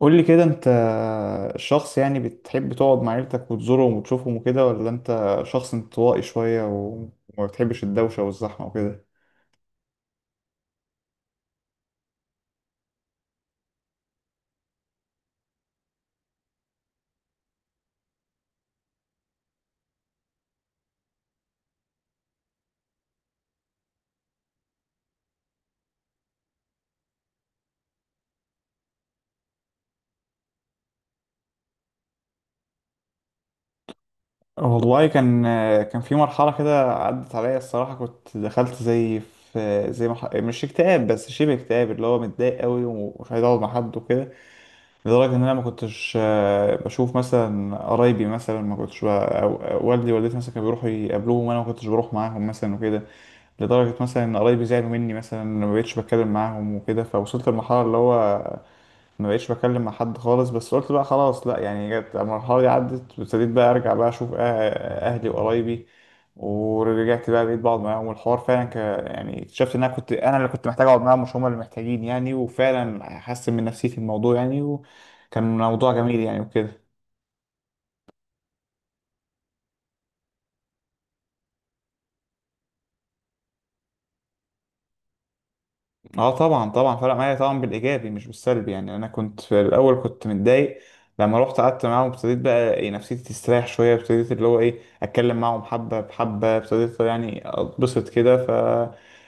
قول لي كده، انت شخص يعني بتحب تقعد مع عيلتك وتزورهم وتشوفهم وكده، ولا انت شخص انطوائي شوية و- وما بتحبش الدوشة والزحمة وكده؟ والله كان في مرحلة كده عدت عليا الصراحة، كنت دخلت زي في زي مش اكتئاب بس شبه اكتئاب، اللي هو متضايق قوي ومش عايز اقعد مع حد وكده. لدرجة ان انا ما كنتش بشوف مثلا قرايبي، مثلا ما كنتش ب... أو أو والدي ووالدتي مثلا كانوا بيروحوا يقابلوهم وانا ما كنتش بروح معاهم مثلا وكده. لدرجة مثلا إن قرايبي زعلوا مني، مثلا أنا ما بقتش بتكلم معاهم وكده، فوصلت لمرحلة اللي هو ما بقتش بتكلم مع حد خالص. بس قلت بقى خلاص لأ، يعني جت المرحلة دي عدت وابتديت بقى أرجع بقى أشوف أهلي وقرايبي. ورجعت بقى بقيت بقعد معاهم، والحوار فعلا يعني اكتشفت إن أنا كنت أنا اللي كنت محتاج أقعد معاهم، مش هما اللي محتاجين يعني، وفعلا حسن من نفسيتي الموضوع يعني، وكان موضوع جميل يعني وكده. اه، طبعا طبعا فرق معايا طبعا، بالايجابي مش بالسلبي يعني، انا كنت في الاول كنت متضايق. لما رحت قعدت معاهم ابتديت بقى إيه نفسيتي تستريح شويه، ابتديت اللي هو ايه اتكلم معاهم حبه بحبه، ابتديت يعني اتبسط كده،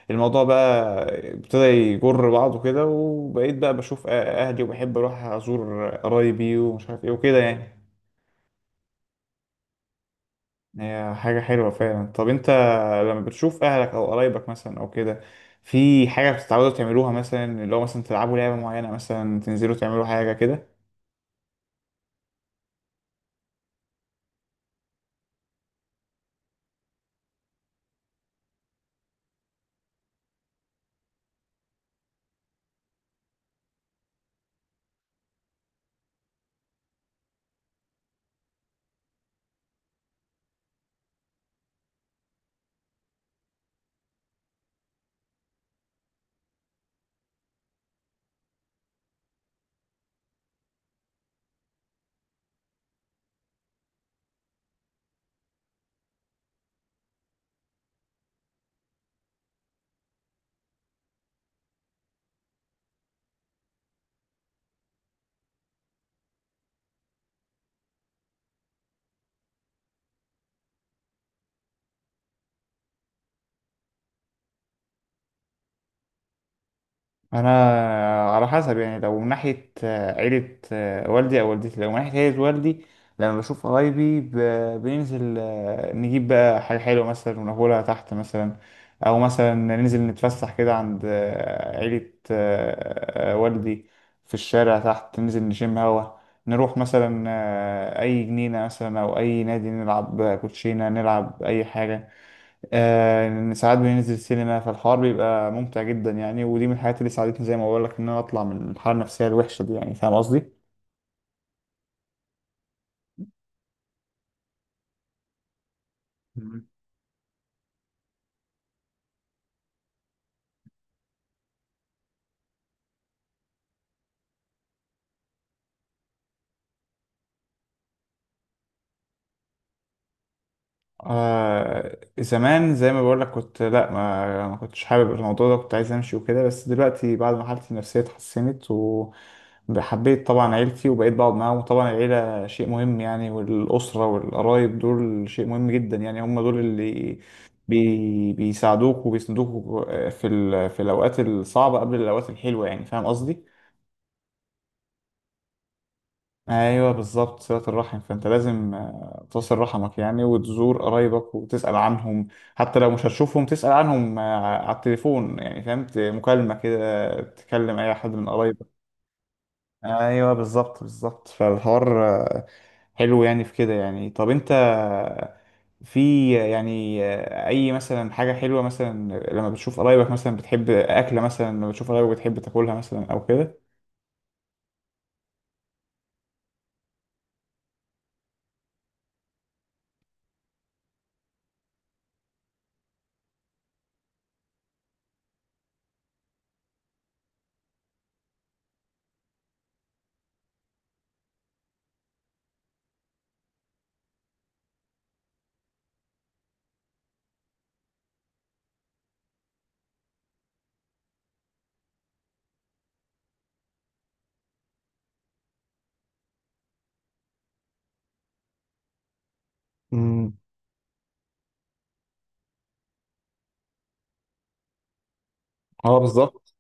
فالموضوع بقى ابتدى يجر بعضه كده، وبقيت بقى بشوف اهلي وبحب اروح ازور قرايبي ومش عارف ايه وكده يعني. هي حاجة حلوة فعلا. طب انت لما بتشوف اهلك او قرايبك مثلا او كده، في حاجة بتتعودوا تعملوها، مثلا اللي هو مثلا تلعبوا لعبة معينة مثلا، تنزلوا تعملوا حاجة كده؟ انا على حسب يعني، لو من ناحيه عيله والدي او والدتي، لو من ناحيه عيله والدي لما بشوف قرايبي بننزل نجيب بقى حاجه حلوه مثلا وناكلها تحت مثلا، او مثلا ننزل نتفسح كده عند عيله والدي في الشارع تحت، ننزل نشم هوا، نروح مثلا اي جنينه مثلا او اي نادي، نلعب كوتشينه، نلعب اي حاجه. ان ساعات بننزل سينما، فالحوار بيبقى ممتع جدا يعني، ودي من الحاجات اللي ساعدتني زي ما بقول لك ان انا اطلع من الحاله النفسيه الوحشه دي يعني، فاهم قصدي؟ آه زمان زي ما بقول لك كنت لا، ما كنتش حابب الموضوع ده، كنت عايز امشي وكده. بس دلوقتي بعد ما حالتي النفسية اتحسنت وحبيت طبعا عيلتي وبقيت بقعد معاهم، وطبعا العيلة شيء مهم يعني، والأسرة والقرايب دول شيء مهم جدا يعني، هم دول اللي بيساعدوك وبيسندوك في في الأوقات الصعبة قبل الأوقات الحلوة يعني، فاهم قصدي؟ ايوه بالظبط، صلة الرحم. فانت لازم تصل رحمك يعني وتزور قرايبك وتسأل عنهم، حتى لو مش هتشوفهم تسأل عنهم على التليفون يعني، فهمت، مكالمة كده تكلم اي حد من قرايبك. ايوه بالظبط بالظبط. فالحوار حلو يعني في كده يعني. طب انت في يعني اي مثلا حاجة حلوة، مثلا لما بتشوف قرايبك مثلا بتحب اكلة، مثلا لما بتشوف قرايبك بتحب تاكلها مثلا او كده؟ مم. اه بالظبط.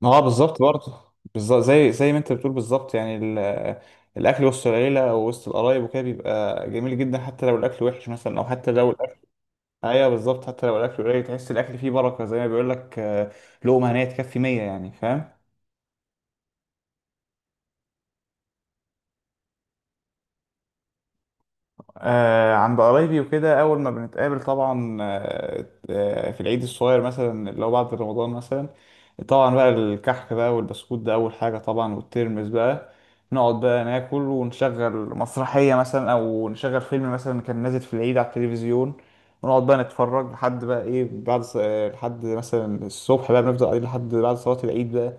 ما هو بالظبط برضه بالظبط، زي ما انت بتقول بالظبط يعني، الاكل وسط العيله او وسط القرايب وكده بيبقى جميل جدا، حتى لو الاكل وحش مثلا، او حتى لو الاكل، ايوه بالظبط، حتى لو الاكل قليل تحس الاكل فيه بركه، زي ما بيقول لك لقمه هنيه تكفي 100 يعني، فاهم؟ آه عند قرايبي وكده، أول ما بنتقابل طبعا، في العيد الصغير مثلا اللي هو بعد رمضان مثلا، طبعا بقى الكحك بقى والبسكوت ده أول حاجة طبعا، والترمس بقى، نقعد بقى ناكل ونشغل مسرحية مثلا أو نشغل فيلم مثلا كان نازل في العيد على التلفزيون، ونقعد بقى نتفرج لحد بقى إيه بعد لحد مثلا الصبح بقى، بنفضل قاعدين لحد بعد صلاة العيد بقى،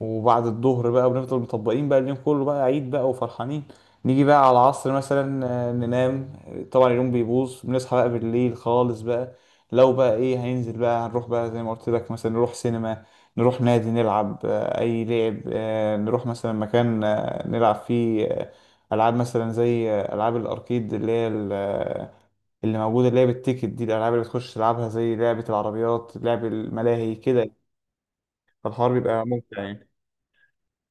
وبعد الظهر بقى بنفضل مطبقين بقى، اليوم كله بقى عيد بقى وفرحانين. نيجي بقى على العصر مثلا ننام، طبعا اليوم بيبوظ، بنصحى بقى بالليل خالص بقى. لو بقى ايه هننزل بقى، هنروح بقى زي ما قلت لك مثلا نروح سينما، نروح نادي نلعب اي لعب، نروح مثلا مكان نلعب فيه العاب مثلا، زي العاب الاركيد اللي هي اللي موجوده، اللي هي بالتيكت دي، الالعاب اللي بتخش تلعبها زي لعبه العربيات، لعب الملاهي كده. فالحوار بيبقى ممتع يعني.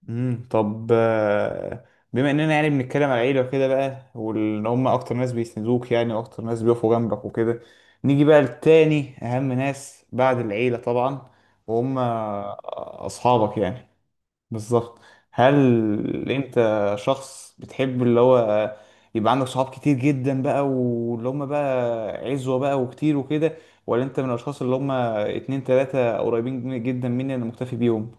طب بما اننا يعني بنتكلم على العيله وكده بقى، وان هم اكتر ناس بيسندوك يعني واكتر ناس بيقفوا جنبك وكده، نيجي بقى لتاني اهم ناس بعد العيله طبعا، وهم اصحابك يعني. بالظبط. هل انت شخص بتحب اللي هو يبقى عندك صحاب كتير جدا بقى، واللي هم بقى عزوه بقى وكتير وكده، ولا انت من الاشخاص اللي هم اتنين تلاته قريبين جدا مني انا مكتفي بيهم؟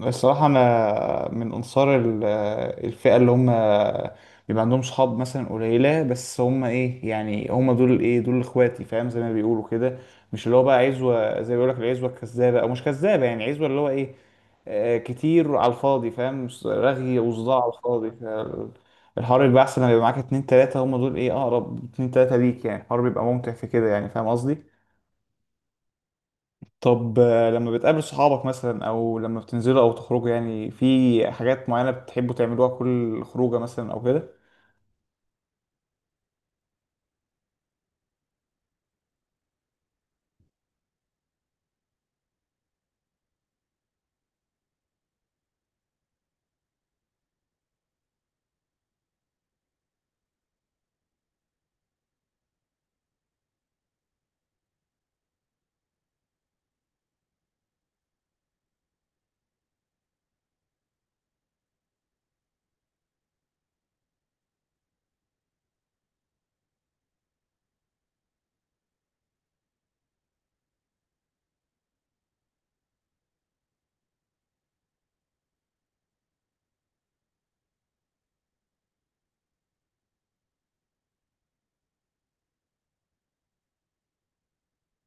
الصراحة أنا من أنصار الفئة اللي هم بيبقى عندهم صحاب مثلا قليلة، بس هم إيه يعني، هم دول إيه، دول إخواتي فاهم، زي ما بيقولوا كده. مش اللي هو بقى عزوة زي ما بيقولك العزوة الكذابة، أو مش كذابة يعني، عزوة اللي هو إيه كتير على الفاضي فاهم، رغي وصداع على الفاضي. الحوار بيبقى أحسن لما يبقى معاك اتنين تلاتة، هم دول إيه أقرب اتنين تلاتة ليك يعني، الحوار بيبقى ممتع في كده يعني، فاهم قصدي؟ طب لما بتقابل صحابك مثلا او لما بتنزلوا او تخرجوا، يعني في حاجات معينة بتحبوا تعملوها كل خروجة مثلا او كده؟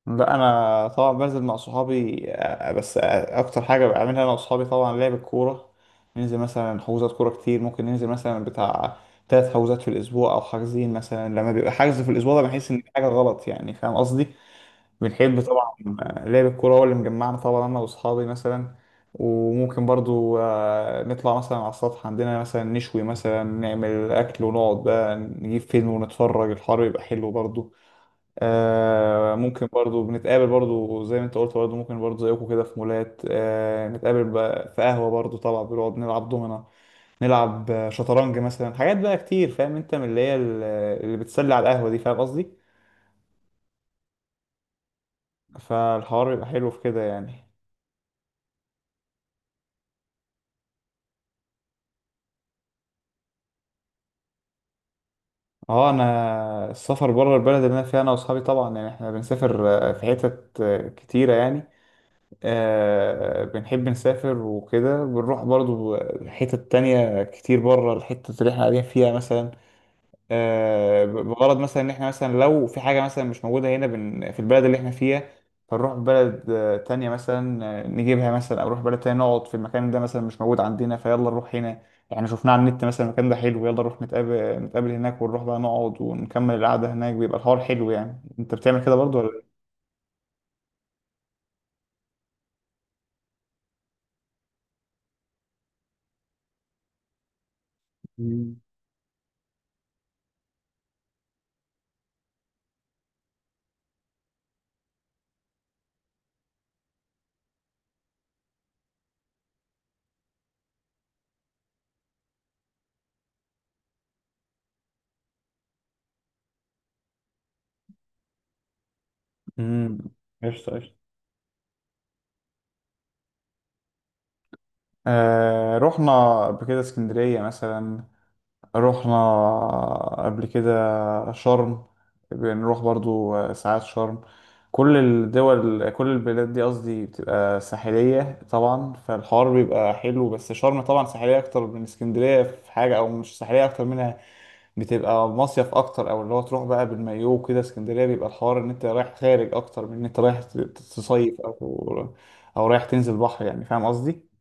لا انا طبعا بنزل مع صحابي بس اكتر حاجة بعملها انا وصحابي طبعا لعب الكورة. ننزل مثلا حجوزات كورة كتير، ممكن ننزل مثلا بتاع ثلاث حجوزات في الاسبوع، او حاجزين مثلا، لما بيبقى حجز في الاسبوع ده بحس ان في حاجة غلط يعني، فاهم قصدي؟ بنحب طبعا لعب الكورة، هو اللي مجمعنا طبعا أنا وأصحابي مثلا. وممكن برضو نطلع مثلا على السطح عندنا، مثلا نشوي مثلا، نعمل أكل ونقعد بقى نجيب فيلم ونتفرج، الحر يبقى حلو برضو. ممكن برضو بنتقابل برضو زي ما أنت قلت، برضو ممكن برضو زيكم كده في مولات، نتقابل بقى في قهوة برضو، طبعا بنقعد نلعب دومنا، نلعب شطرنج مثلا، حاجات بقى كتير، فاهم أنت من اللي هي اللي بتسلي على القهوة دي، فاهم قصدي؟ فالحوار يبقى حلو في كده يعني. اه انا السفر بره البلد اللي انا فيها انا واصحابي طبعا يعني، احنا بنسافر في حتت كتيره يعني، بنحب نسافر وكده، بنروح برضو حتت تانية كتير بره الحتة اللي احنا قاعدين فيها مثلا، بغرض مثلا ان احنا مثلا لو في حاجه مثلا مش موجوده هنا في البلد اللي احنا فيها، فنروح بلد تانية مثلا نجيبها مثلا، او نروح بلد تانية نقعد في المكان ده، مثلا مش موجود عندنا، فيلا نروح هنا يعني، شفناه على النت مثلا المكان ده حلو، يلا نروح نتقابل هناك، ونروح بقى نقعد ونكمل القعده هناك، بيبقى الحوار حلو يعني. انت بتعمل كده برضو ولا؟ امم، قشطة قشطة. آه رحنا قبل كده اسكندرية مثلا، رحنا قبل كده شرم، بنروح برضو ساعات شرم، كل الدول كل البلاد دي قصدي بتبقى ساحلية طبعا، فالحوار بيبقى حلو. بس شرم طبعا ساحلية أكتر من اسكندرية في حاجة، أو مش ساحلية أكتر منها، بتبقى مصيف أكتر، أو اللي هو تروح بقى بالمايو كده. اسكندرية بيبقى الحوار إن أنت رايح خارج أكتر من إن أنت رايح تصيف، أو رايح تنزل بحر يعني، فاهم قصدي؟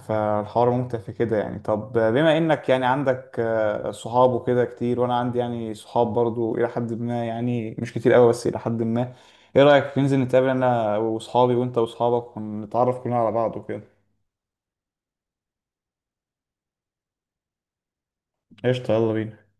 فالحوار ممتع في كده يعني. طب بما انك يعني عندك صحاب وكده كتير، وانا عندي يعني صحاب برضو الى حد ما يعني، مش كتير قوي بس الى حد ما، ايه رأيك ننزل نتقابل انا واصحابي وانت واصحابك ونتعرف كلنا على بعض وكده؟ قشطة، يلا بينا.